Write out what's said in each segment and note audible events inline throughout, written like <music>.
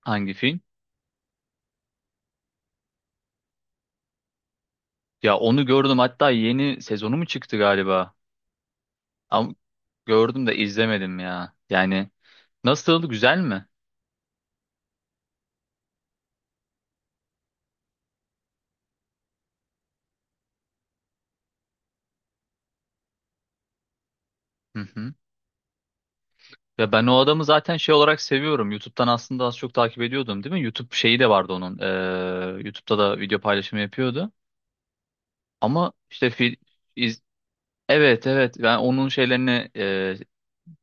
Hangi film? Ya onu gördüm hatta yeni sezonu mu çıktı galiba? Ama gördüm de izlemedim ya. Yani nasıl güzel mi? Hı hı. Ya ben o adamı zaten şey olarak seviyorum. YouTube'dan aslında az çok takip ediyordum değil mi? YouTube şeyi de vardı onun. YouTube'da da video paylaşımı yapıyordu. Ama işte iz, evet evet ben onun şeylerini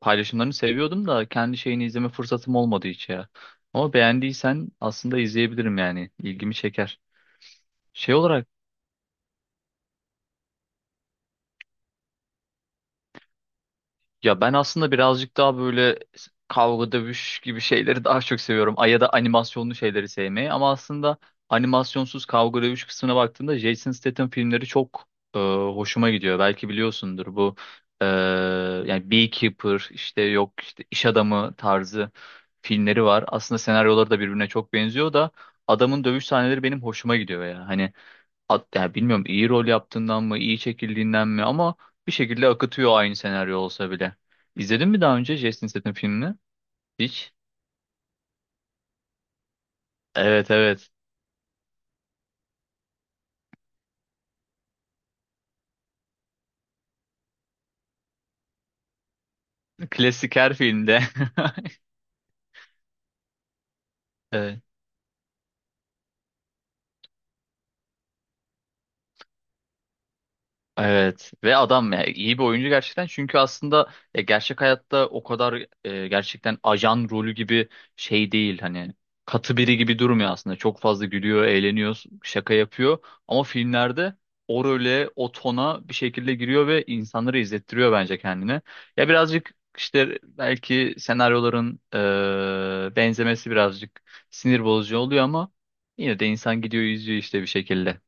paylaşımlarını seviyordum da kendi şeyini izleme fırsatım olmadı hiç ya. Ama beğendiysen aslında izleyebilirim yani. İlgimi çeker. Şey olarak Ya ben aslında birazcık daha böyle kavga dövüş gibi şeyleri daha çok seviyorum. Ya da animasyonlu şeyleri sevmeyi. Ama aslında animasyonsuz kavga dövüş kısmına baktığımda Jason Statham filmleri çok hoşuma gidiyor. Belki biliyorsundur bu e, yani Beekeeper işte yok işte iş adamı tarzı filmleri var. Aslında senaryoları da birbirine çok benziyor da adamın dövüş sahneleri benim hoşuma gidiyor ya. Hani yani bilmiyorum iyi rol yaptığından mı, iyi çekildiğinden mi ama bir şekilde akıtıyor aynı senaryo olsa bile. İzledin mi daha önce Jason Statham filmini? Hiç. Evet evet. Klasik her filmde. <laughs> Evet. Evet ve adam ya iyi bir oyuncu gerçekten çünkü aslında ya gerçek hayatta o kadar gerçekten ajan rolü gibi şey değil hani katı biri gibi durmuyor aslında çok fazla gülüyor eğleniyor şaka yapıyor ama filmlerde o role o tona bir şekilde giriyor ve insanları izlettiriyor bence kendini ya birazcık işte belki senaryoların benzemesi birazcık sinir bozucu oluyor ama yine de insan gidiyor izliyor işte bir şekilde.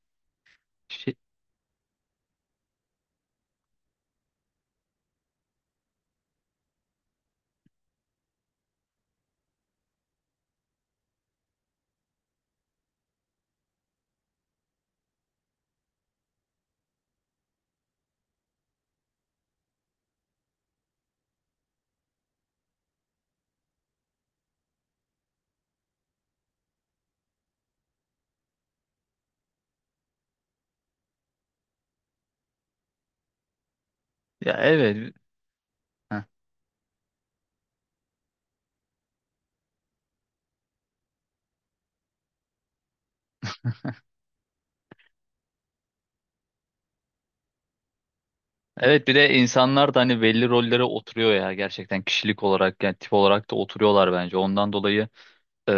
Şey, ya evet. Heh. Evet bir de insanlar da hani belli rollere oturuyor ya gerçekten kişilik olarak yani tip olarak da oturuyorlar bence. Ondan dolayı e,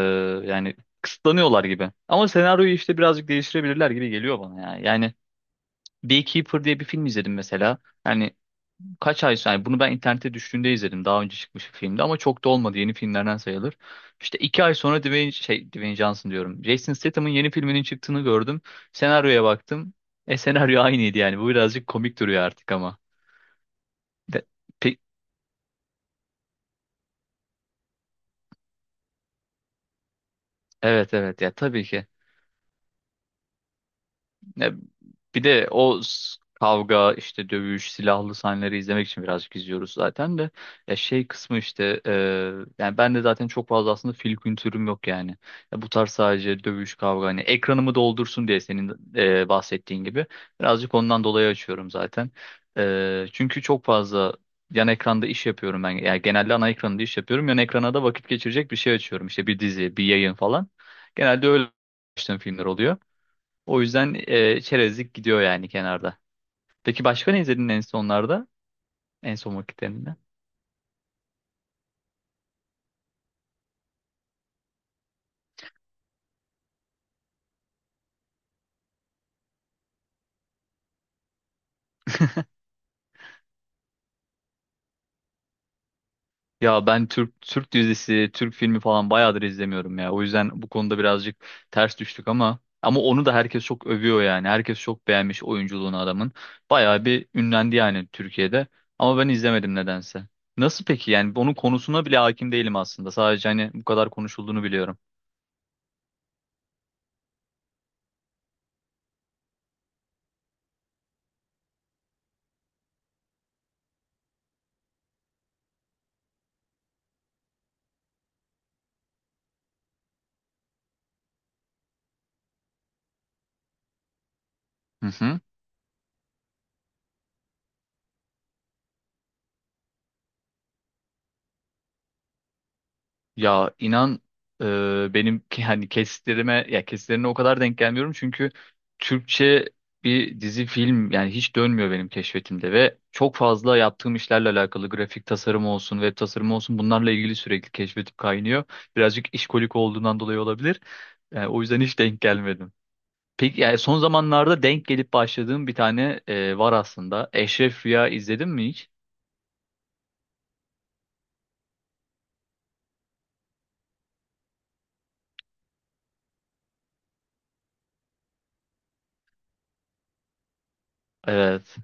yani kısıtlanıyorlar gibi. Ama senaryoyu işte birazcık değiştirebilirler gibi geliyor bana ya. Yani Beekeeper diye bir film izledim mesela. Yani kaç ay sonra yani bunu ben internette düştüğünde izledim. Daha önce çıkmış bir filmdi ama çok da olmadı. Yeni filmlerden sayılır. İşte 2 ay sonra Dwayne Johnson diyorum. Jason Statham'ın yeni filminin çıktığını gördüm. Senaryoya baktım. E senaryo aynıydı yani. Bu birazcık komik duruyor artık ama. De- pe- evet evet ya tabii ki. Ya bir de o kavga işte dövüş silahlı sahneleri izlemek için birazcık izliyoruz zaten de ya şey kısmı işte yani ben de zaten çok fazla aslında film kültürüm yok yani ya bu tarz sadece dövüş kavga hani ekranımı doldursun diye senin bahsettiğin gibi birazcık ondan dolayı açıyorum zaten. Çünkü çok fazla yan ekranda iş yapıyorum ben yani genelde ana ekranda iş yapıyorum yan ekrana da vakit geçirecek bir şey açıyorum işte bir dizi bir yayın falan genelde öyle açtığım filmler oluyor. O yüzden çerezlik gidiyor yani kenarda. Peki başka ne izledin en sonlarda? En son vakitlerinde? Ya ben Türk dizisi, Türk filmi falan bayağıdır izlemiyorum ya. O yüzden bu konuda birazcık ters düştük ama onu da herkes çok övüyor yani. Herkes çok beğenmiş oyunculuğunu adamın. Bayağı bir ünlendi yani Türkiye'de. Ama ben izlemedim nedense. Nasıl peki? Yani onun konusuna bile hakim değilim aslında. Sadece hani bu kadar konuşulduğunu biliyorum. Hı hı. Ya inan benim hani kesitlerime ya kesitlerine o kadar denk gelmiyorum çünkü Türkçe bir dizi film yani hiç dönmüyor benim keşfetimde ve çok fazla yaptığım işlerle alakalı grafik tasarım olsun web tasarımı olsun bunlarla ilgili sürekli keşfetip kaynıyor. Birazcık işkolik olduğundan dolayı olabilir. Yani o yüzden hiç denk gelmedim. Peki yani son zamanlarda denk gelip başladığım bir tane var aslında. Eşref Rüya izledin mi hiç? Evet.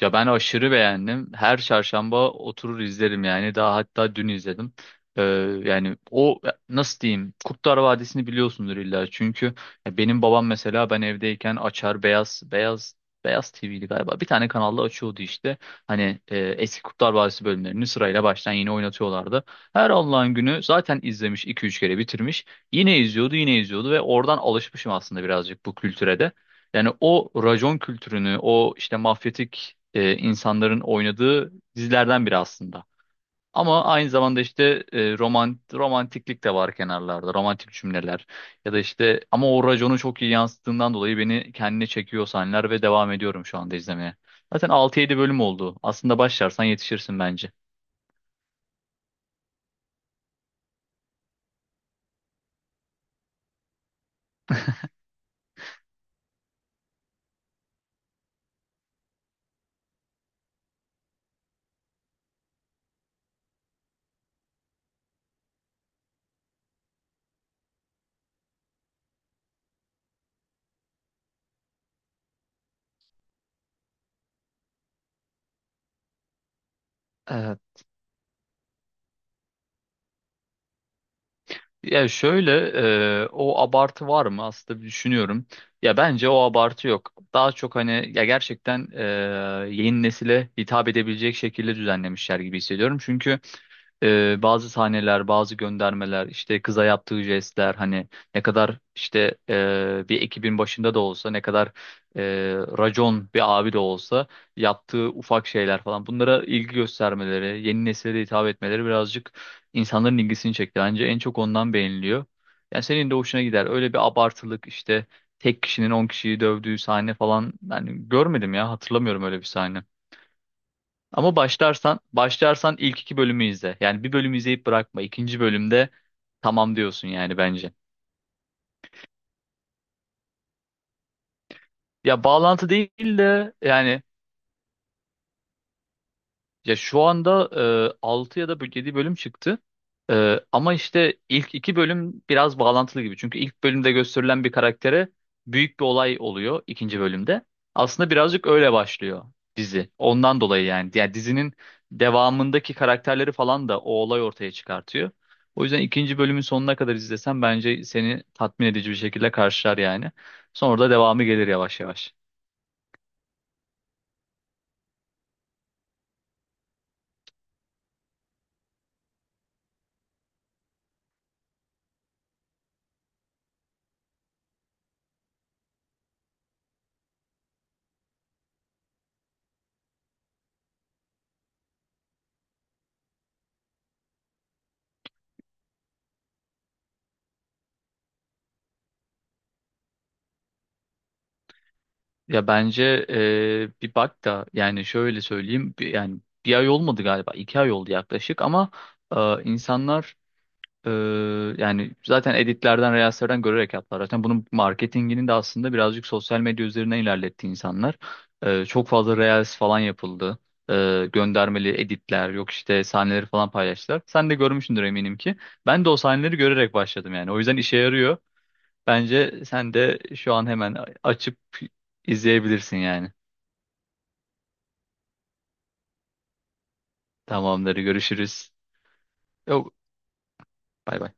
Ya ben aşırı beğendim. Her çarşamba oturur izlerim yani. Daha hatta dün izledim. Ee, yani o nasıl diyeyim? Kurtlar Vadisi'ni biliyorsundur illa. Çünkü ya benim babam mesela ben evdeyken açar beyaz TV'li galiba. Bir tane kanalda açıyordu işte. Hani eski Kurtlar Vadisi bölümlerini sırayla baştan yine oynatıyorlardı. Her Allah'ın günü zaten izlemiş iki üç kere bitirmiş. Yine izliyordu, yine izliyordu ve oradan alışmışım aslında birazcık bu kültüre de. Yani o racon kültürünü, o işte mafyatik insanların oynadığı dizilerden biri aslında. Ama aynı zamanda işte romantiklik de var kenarlarda, romantik cümleler. Ya da işte ama o raconu çok iyi yansıttığından dolayı beni kendine çekiyor sahneler ve devam ediyorum şu anda izlemeye. Zaten altı yedi bölüm oldu. Aslında başlarsan yetişirsin bence. Ya şöyle o abartı var mı aslında bir düşünüyorum. Ya bence o abartı yok. Daha çok hani ya gerçekten yeni nesile hitap edebilecek şekilde düzenlemişler gibi hissediyorum. Çünkü bazı sahneler, bazı göndermeler, işte kıza yaptığı jestler hani ne kadar işte bir ekibin başında da olsa ne kadar e, racon bir abi de olsa yaptığı ufak şeyler falan bunlara ilgi göstermeleri, yeni nesile de hitap etmeleri birazcık İnsanların ilgisini çekti anca. En çok ondan beğeniliyor. Yani senin de hoşuna gider. Öyle bir abartılık işte tek kişinin 10 kişiyi dövdüğü sahne falan yani görmedim ya hatırlamıyorum öyle bir sahne. Ama başlarsan başlarsan ilk iki bölümü izle. Yani bir bölümü izleyip bırakma. İkinci bölümde tamam diyorsun yani bence. Ya bağlantı değil de yani. Ya şu anda 6 ya da 7 bölüm çıktı. Ama işte ilk iki bölüm biraz bağlantılı gibi. Çünkü ilk bölümde gösterilen bir karaktere büyük bir olay oluyor ikinci bölümde. Aslında birazcık öyle başlıyor dizi. Ondan dolayı yani. Yani dizinin devamındaki karakterleri falan da o olay ortaya çıkartıyor. O yüzden ikinci bölümün sonuna kadar izlesen bence seni tatmin edici bir şekilde karşılar yani. Sonra da devamı gelir yavaş yavaş. Ya bence bir bak da yani şöyle söyleyeyim yani bir ay olmadı galiba 2 ay oldu yaklaşık ama insanlar eee, yani zaten editlerden reelslerden görerek yaptılar. Zaten bunun marketingini de aslında birazcık sosyal medya üzerine ilerletti insanlar. Çok fazla reels falan yapıldı. Göndermeli editler yok işte sahneleri falan paylaştılar. Sen de görmüşsündür eminim ki. Ben de o sahneleri görerek başladım yani. O yüzden işe yarıyor. Bence sen de şu an hemen açıp izleyebilirsin yani. Tamamdır, görüşürüz. Yok, bay bay.